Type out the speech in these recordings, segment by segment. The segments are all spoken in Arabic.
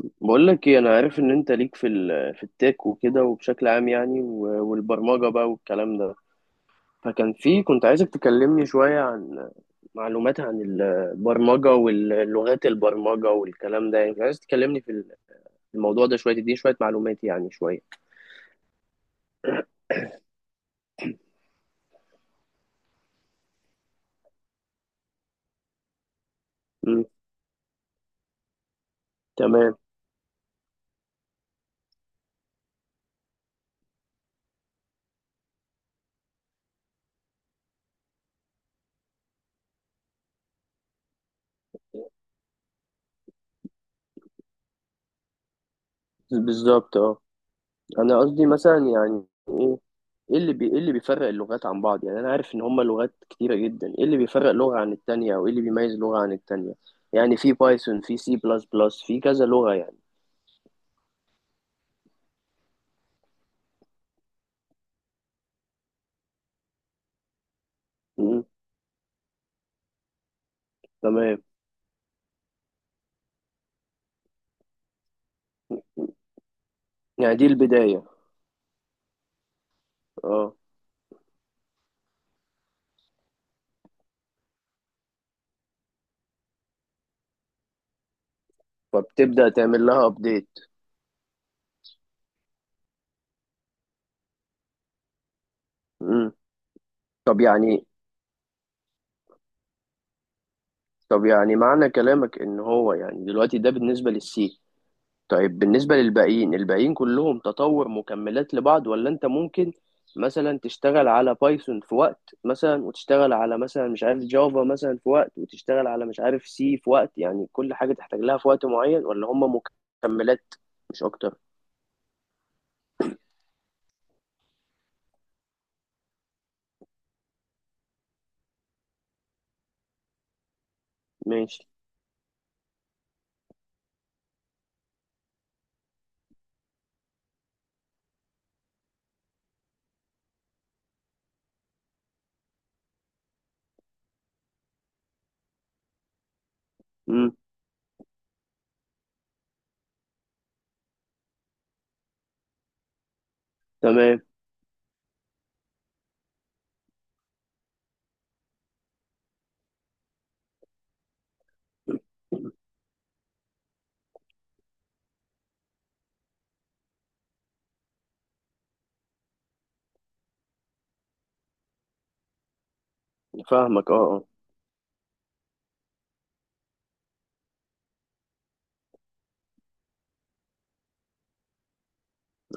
بقول لك ايه، انا عارف ان انت ليك في في التك وكده وبشكل عام، يعني والبرمجه بقى والكلام ده. فكان في كنت عايزك تكلمني شويه عن معلومات عن البرمجه واللغات البرمجه والكلام ده، يعني كنت عايز تكلمني في الموضوع ده شويه، تديني شويه معلومات، يعني شويه. امم. تمام. بالظبط، اه. انا قصدي مثلا يعني ايه اللي بيفرق اللغات عن بعض؟ يعني انا عارف ان هما لغات كتيره جدا، ايه اللي بيفرق لغه عن التانية، او ايه اللي بيميز لغه عن التانية؟ يعني في بايثون، في سي بلس بلس، في كذا لغه يعني. امم. تمام. يعني دي البدايه. اه. فبتبدا تعمل لها ابديت. امم. طب يعني طب يعني معنى كلامك ان هو يعني دلوقتي ده بالنسبه للسي. طيب بالنسبة للباقيين كلهم تطور، مكملات لبعض، ولا انت ممكن مثلا تشتغل على بايثون في وقت مثلا، وتشتغل على مثلا مش عارف جافا مثلا في وقت، وتشتغل على مش عارف سي في وقت، يعني كل حاجة تحتاج لها في وقت معين، ولا هم مكملات مش اكتر؟ ماشي. امم. تمام. فاهمك، اه، اه.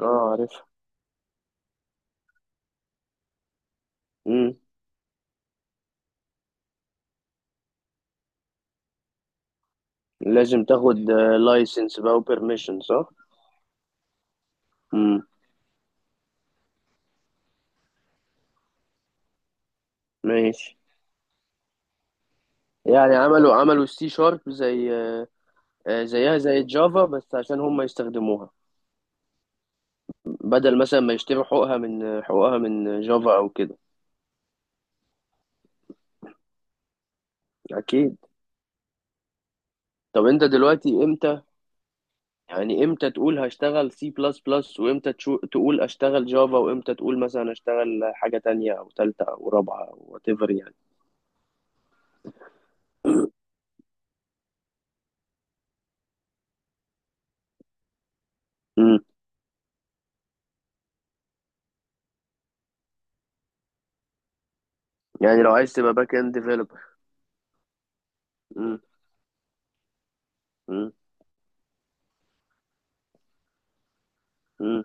اه، عارف. امم. لازم تاخد لايسنس بقى وبرميشن، صح؟ امم. ماشي. يعني عملوا السي شارب زي زيها زي جافا، بس عشان هم يستخدموها، بدل مثلا ما يشتروا حقوقها من جافا او كده. اكيد. طب انت دلوقتي امتى، يعني امتى تقول هشتغل سي بلس بلس، وامتى تقول اشتغل جافا، وامتى تقول مثلا اشتغل حاجة تانية او تالتة او رابعة او وات ايفر يعني؟ امم. يعني لو عايز تبقى باك اند ديفلوبر. امم، امم، امم،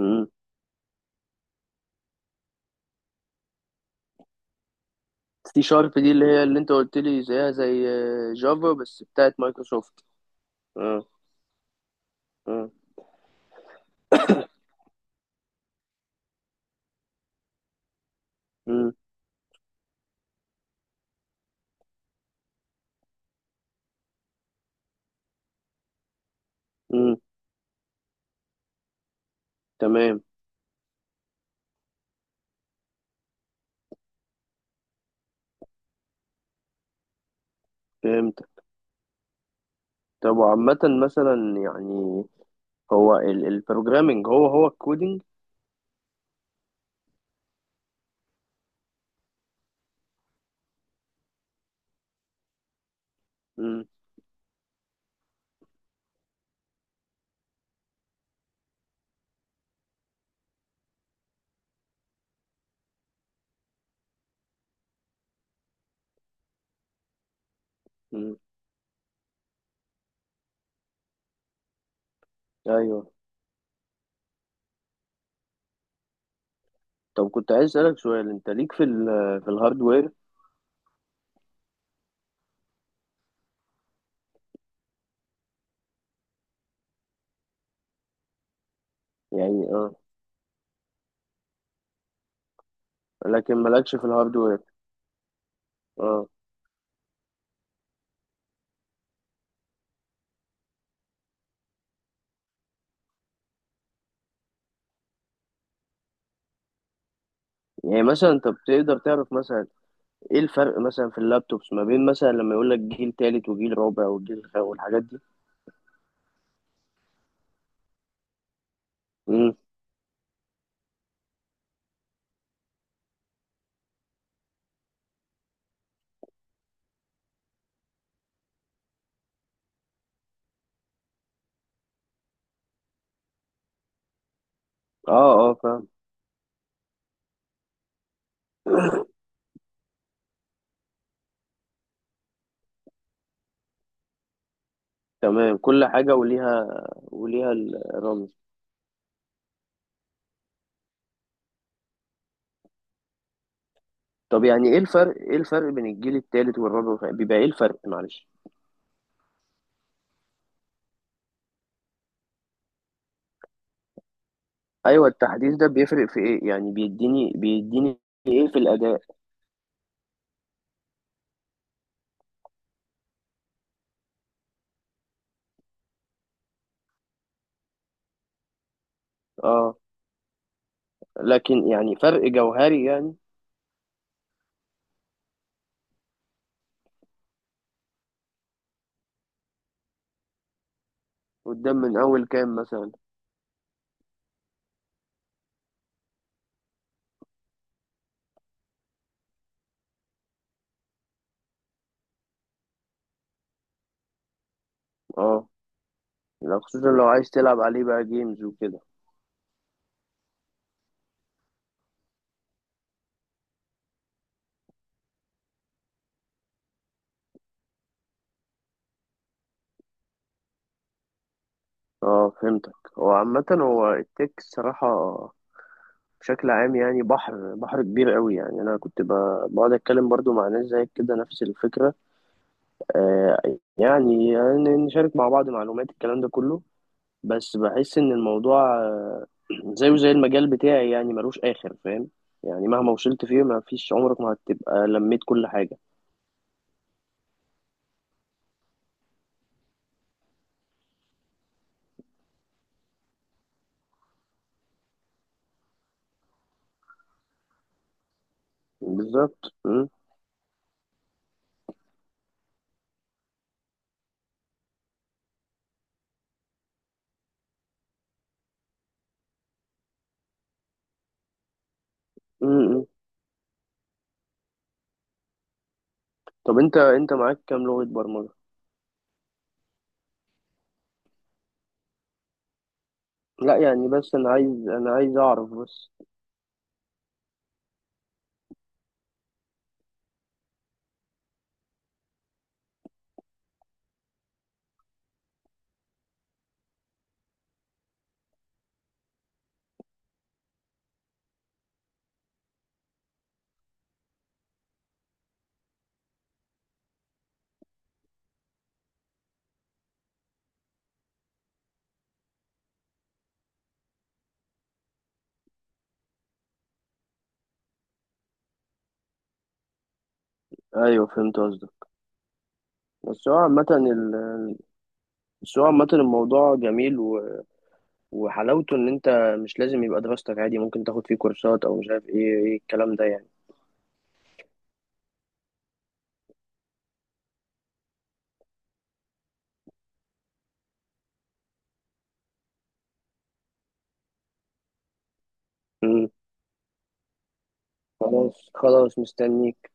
امم. سي شارب دي اللي هي اللي انت قلت لي زيها زي جافا بس بتاعت مايكروسوفت. اه. اه. امم. امم. تمام. فهمت. طب وعامة مثلا يعني، هو البروجرامينج هو هو الكودينج؟ امم. امم. ايوه. طب كنت عايز اسألك سؤال، انت ليك في في الهاردوير؟ يعني اه. لكن مالكش في الهاردوير. اه. يعني مثلا انت بتقدر تعرف مثلا ايه الفرق مثلا في اللابتوبس ما بين مثلا لما يقول لك جيل تالت وجيل رابع والحاجات دي؟ امم. اه، اه، فاهم. تمام. كل حاجة وليها الرمز. طب يعني ايه الفرق بين الجيل التالت والرابع بيبقى ايه الفرق؟ معلش. ايوه. التحديث ده بيفرق في ايه يعني، بيديني ايه في الاداء؟ اه. لكن يعني فرق جوهري يعني؟ قدام من اول كام مثلا؟ اه. خصوصا لو عايز تلعب عليه بقى جيمز وكده. اه، فهمتك. هو عامة هو التك الصراحة بشكل عام يعني، بحر بحر كبير قوي يعني. انا كنت بقعد اتكلم برضو مع ناس زيك كده، نفس الفكرة. آه. يعني نشارك مع بعض معلومات الكلام ده كله. بس بحس ان الموضوع زيه زي المجال بتاعي يعني، ملوش آخر فاهم. يعني مهما وصلت فيه ما فيش، عمرك ما هتبقى لميت كل حاجة. بالظبط. م- م- م. طب انت معاك كام لغة برمجة؟ لا يعني بس انا عايز اعرف بس. ايوه، فهمت قصدك. بس هو عامة ال- بس هو عامة الموضوع جميل وحلاوته ان انت مش لازم يبقى دراستك عادي، ممكن تاخد فيه كورسات او مش عارف ايه، ايه الكلام ده يعني. م. خلاص، خلاص، مستنيك.